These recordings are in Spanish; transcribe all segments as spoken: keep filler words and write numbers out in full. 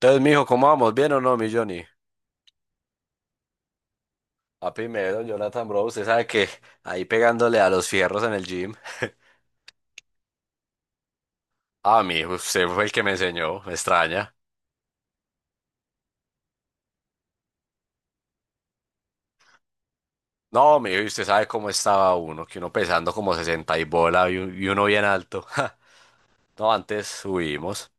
Entonces, mijo, ¿cómo vamos? ¿Bien o no, mi Johnny? A primero, Jonathan, bro, usted sabe que ahí pegándole a los fierros en el gym. Ah, mijo, usted fue el que me enseñó, me extraña. No, mijo, y usted sabe cómo estaba uno, que uno pesando como sesenta y bola y, un- y uno bien alto. No, antes subimos.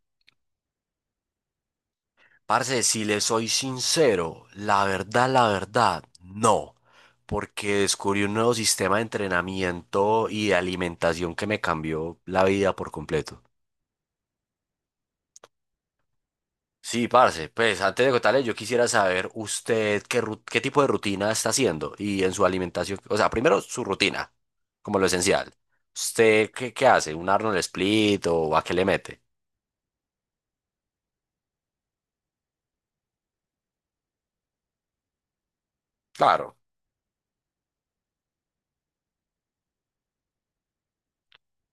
Parce, si le soy sincero, la verdad, la verdad, no. Porque descubrí un nuevo sistema de entrenamiento y de alimentación que me cambió la vida por completo. Sí, parce, pues antes de contarle, yo quisiera saber usted qué, ru- qué tipo de rutina está haciendo y en su alimentación, o sea, primero su rutina, como lo esencial. ¿Usted qué, qué hace? ¿Un Arnold Split o a qué le mete? Claro.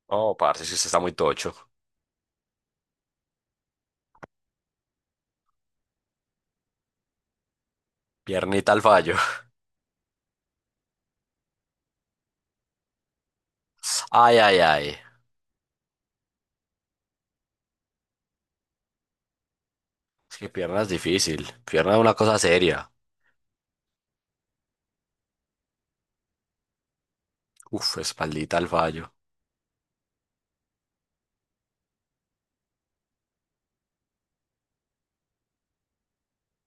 Oh, parce, si usted está muy tocho. Piernita al fallo. Ay, ay, ay. Es que pierna es difícil. Pierna es una cosa seria. Uf, espaldita al fallo.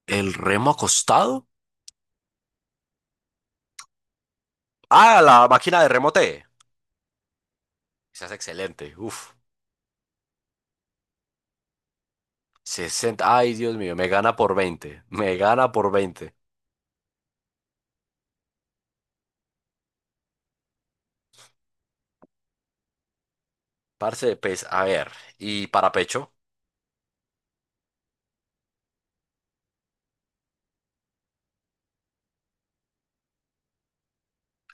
¿El remo acostado? Ah, la máquina de remote. Esa es excelente. Uf. Sesenta. Ay, Dios mío, me gana por veinte. Me gana por veinte. Parce, pues, a ver. ¿Y para pecho?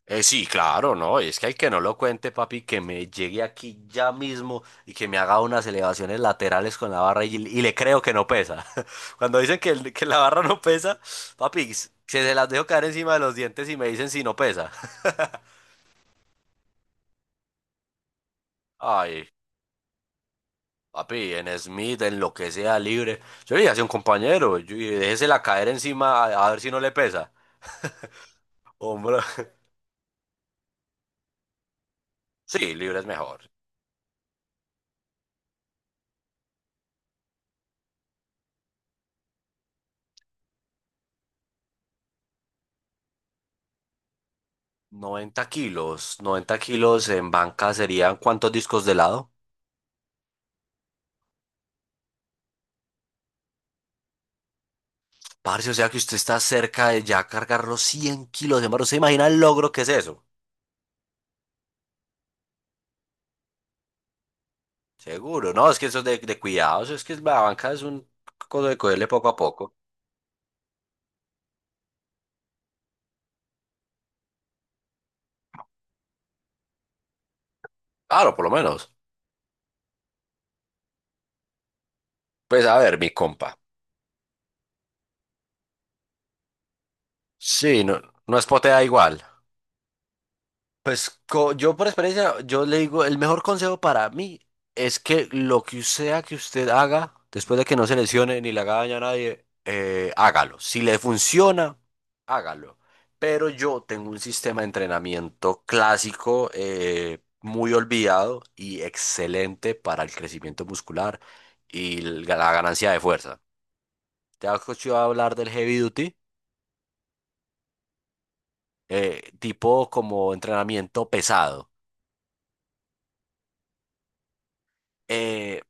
Eh, sí, claro, no. Es que hay que no lo cuente, papi, que me llegue aquí ya mismo y que me haga unas elevaciones laterales con la barra y, y le creo que no pesa. Cuando dicen que, el- que la barra no pesa, papi, se, se las dejo caer encima de los dientes y me dicen si no pesa. Ay, papi, en Smith, en lo que sea libre. Yo le dije a un compañero, yo, y déjesela caer encima a, a ver si no le pesa. Hombre. Sí, libre es mejor. Noventa kilos, noventa kilos en banca serían ¿cuántos discos de lado? Parce, o sea que usted está cerca de ya cargar los cien kilos. ¿De ¿hermano, se imagina el logro que es eso? Seguro, no, es que eso es de, de cuidados, es que la banca es un cosa de cogerle poco a poco. Claro, por lo menos. Pues a ver, mi compa. Sí, no, no es potea igual. Pues co- yo por experiencia, yo le digo, el mejor consejo para mí es que lo que sea que usted haga, después de que no se lesione ni le haga daño a nadie, eh, hágalo. Si le funciona, hágalo. Pero yo tengo un sistema de entrenamiento clásico, eh, muy olvidado y excelente para el crecimiento muscular y el- la ganancia de fuerza. ¿Te has escuchado hablar del heavy duty, eh, tipo como entrenamiento pesado? Eh,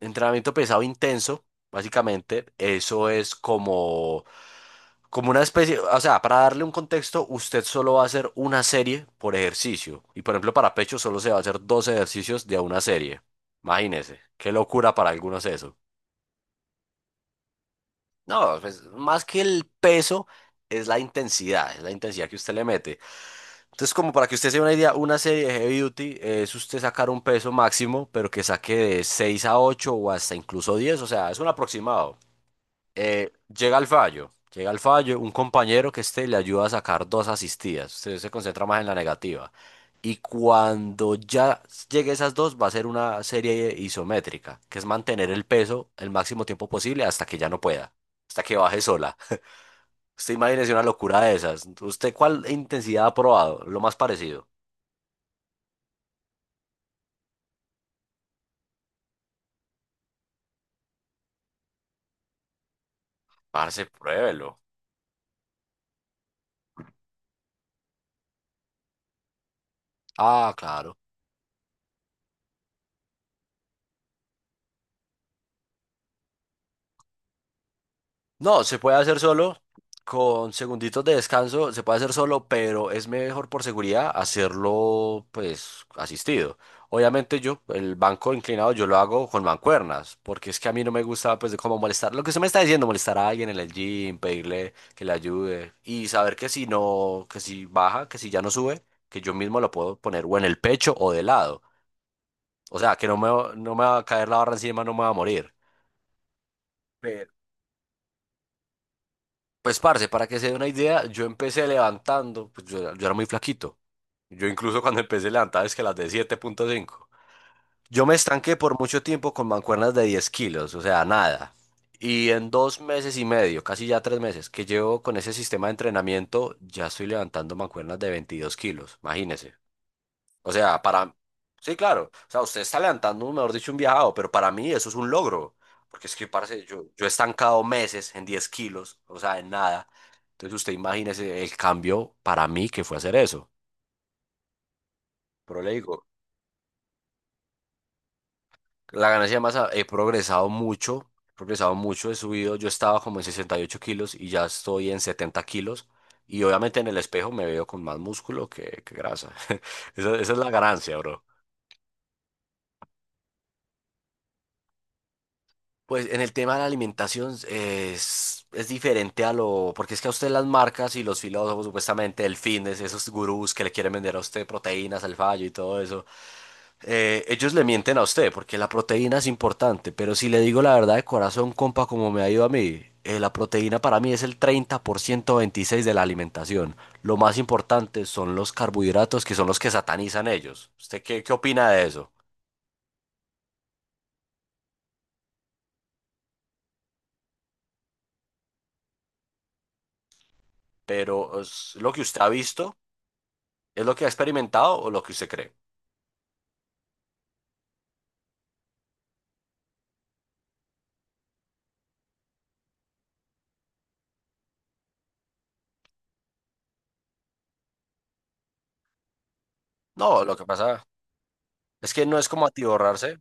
Entrenamiento pesado intenso, básicamente, eso es como, como una especie, o sea, para darle un contexto, usted solo va a hacer una serie por ejercicio. Y por ejemplo, para pecho solo se va a hacer dos ejercicios de una serie. Imagínese, qué locura para algunos eso. No, pues más que el peso, es la intensidad, es la intensidad que usted le mete. Entonces, como para que usted se dé una idea, una serie de heavy duty es usted sacar un peso máximo, pero que saque de seis a ocho o hasta incluso diez, o sea, es un aproximado. Eh, llega al fallo, llega al fallo, un compañero que esté le ayuda a sacar dos asistidas, usted se concentra más en la negativa. Y cuando ya llegue a esas dos, va a ser una serie isométrica, que es mantener el peso el máximo tiempo posible hasta que ya no pueda, hasta que baje sola. Usted imagínese una locura de esas. ¿Usted cuál intensidad ha probado? Lo más parecido. Parce, pruébelo. Ah, claro. No, se puede hacer solo, con segunditos de descanso, se puede hacer solo, pero es mejor por seguridad hacerlo pues asistido. Obviamente yo, el banco inclinado, yo lo hago con mancuernas, porque es que a mí no me gusta pues de cómo molestar, lo que usted me está diciendo, molestar a alguien en el gym, pedirle que le ayude y saber que si no, que si baja, que si ya no sube, que yo mismo lo puedo poner o en el pecho o de lado. O sea, que no me, va- no me va a caer la barra encima, no me va a morir. Pues, parce, para que se dé una idea, yo empecé levantando, pues yo, era yo era muy flaquito. Yo incluso cuando empecé a levantar es que las de siete punto cinco. Yo me estanqué por mucho tiempo con mancuernas de diez kilos, o sea, nada. Y en dos meses y medio, casi ya tres meses, que llevo con ese sistema de entrenamiento, ya estoy levantando mancuernas de veintidós kilos, imagínese. O sea, para. Sí, claro. O sea, usted está levantando, mejor dicho, un viajado, pero para mí eso es un logro. Porque es que, parce, yo, yo he estancado meses en diez kilos, o sea, en nada. Entonces usted imagínese el cambio para mí que fue hacer eso. Pero le digo, la ganancia de masa, he progresado mucho, he progresado mucho, he subido. Yo estaba como en sesenta y ocho kilos y ya estoy en setenta kilos. Y obviamente en el espejo me veo con más músculo que, que grasa. Esa, esa es la ganancia, bro. Pues en el tema de la alimentación es, es diferente a lo, porque es que a usted las marcas y los filósofos, supuestamente el fitness, esos gurús que le quieren vender a usted proteínas al fallo y todo eso, eh, ellos le mienten a usted porque la proteína es importante, pero si le digo la verdad de corazón, compa, como me ha ido a mí, eh, la proteína para mí es el treinta por ciento veintiséis de la alimentación. Lo más importante son los carbohidratos que son los que satanizan ellos. ¿Usted qué, qué opina de eso? Pero es lo que usted ha visto. ¿Es lo que ha experimentado o lo que usted cree? No, lo que pasa es que no es como atiborrarse.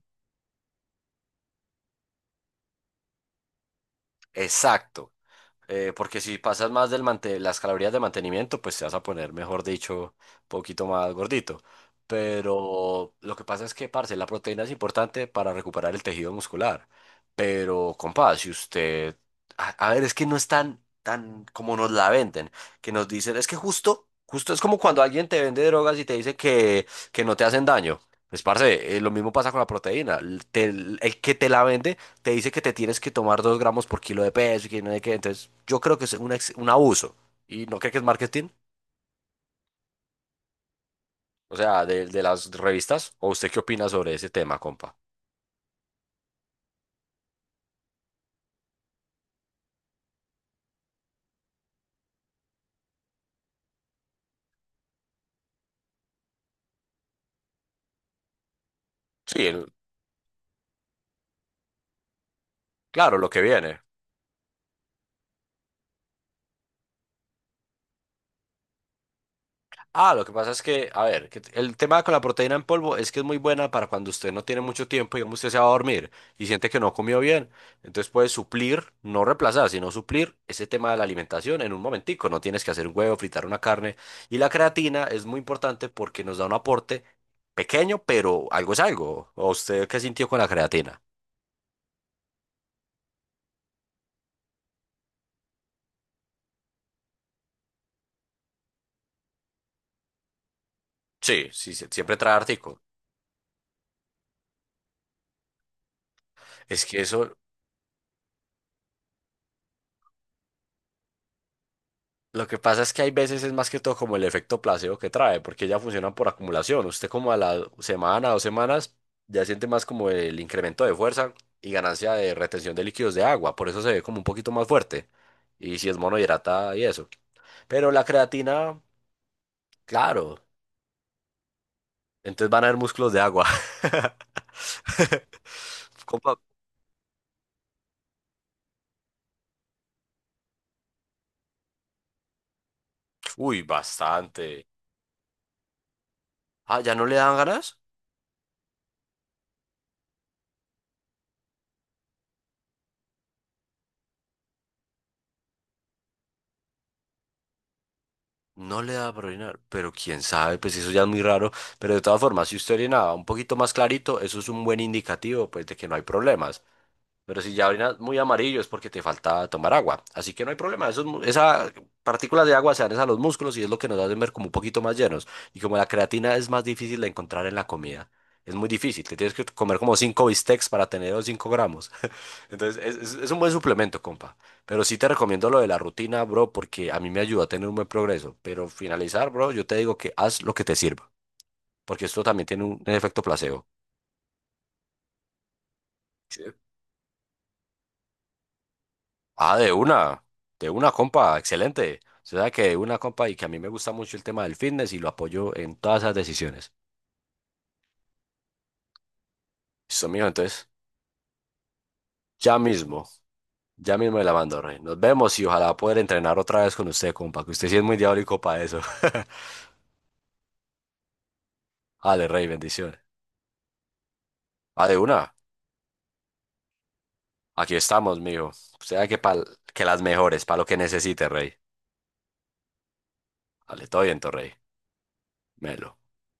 Exacto. Eh, porque si pasas más del mante- las calorías de mantenimiento, pues te vas a poner, mejor dicho, poquito más gordito. Pero lo que pasa es que, parce, la proteína es importante para recuperar el tejido muscular. Pero, compadre, si usted. A, a ver, es que no es tan, tan como nos la venden, que nos dicen, es que justo, justo es como cuando alguien te vende drogas y te dice que, que no te hacen daño. Pues, parce, eh, lo mismo pasa con la proteína. L- te- el que te la vende te dice que te tienes que tomar dos gramos por kilo de peso y que no sé qué. Entonces, yo creo que es un, ex- un abuso. ¿Y no cree que es marketing? O sea, de, de las revistas. ¿O usted qué opina sobre ese tema, compa? Sí, el- claro, lo que viene. Ah, lo que pasa es que, a ver, que el tema con la proteína en polvo es que es muy buena para cuando usted no tiene mucho tiempo, digamos, usted se va a dormir y siente que no comió bien. Entonces puede suplir, no reemplazar, sino suplir ese tema de la alimentación en un momentico. No tienes que hacer un huevo, fritar una carne. Y la creatina es muy importante porque nos da un aporte pequeño, pero algo es algo. ¿O usted qué sintió con la creatina? Sí, sí, se- siempre trae artículo. Es que eso. Lo que pasa es que hay veces es más que todo como el efecto placebo que trae, porque ya funcionan por acumulación. Usted como a la semana, dos semanas, ya siente más como el incremento de fuerza y ganancia de retención de líquidos de agua, por eso se ve como un poquito más fuerte. Y si es monohidrata y eso. Pero la creatina, claro, entonces van a haber músculos de agua. Compa- Uy, bastante. Ah, ¿ya no le dan ganas? No le da por orinar, pero quién sabe, pues eso ya es muy raro. Pero de todas formas, si usted orinaba un poquito más clarito, eso es un buen indicativo, pues, de que no hay problemas. Pero si ya orinas muy amarillo es porque te falta tomar agua. Así que no hay problema. Esos mu- esas partículas de agua se dan es a los músculos y es lo que nos hace ver como un poquito más llenos. Y como la creatina es más difícil de encontrar en la comida, es muy difícil. Te tienes que comer como cinco bistecs para tener los cinco gramos. Entonces, es, es- es un buen suplemento, compa. Pero sí te recomiendo lo de la rutina, bro, porque a mí me ayuda a tener un buen progreso. Pero finalizar, bro, yo te digo que haz lo que te sirva, porque esto también tiene un, un efecto placebo. Sí. Ah, de una, de una, compa, excelente. Usted sabe que de una, compa, y que a mí me gusta mucho el tema del fitness y lo apoyo en todas esas decisiones. Listo, mijo, entonces, ya mismo, ya mismo me la mando, rey. Nos vemos y ojalá poder entrenar otra vez con usted, compa, que usted sí es muy diabólico para eso. Ale, rey, bendiciones. Ah, de una. Aquí estamos, mijo. Usted sabe que, pa'l- que las mejores, para lo que necesite, rey. Vale, todo bien, rey. Melo.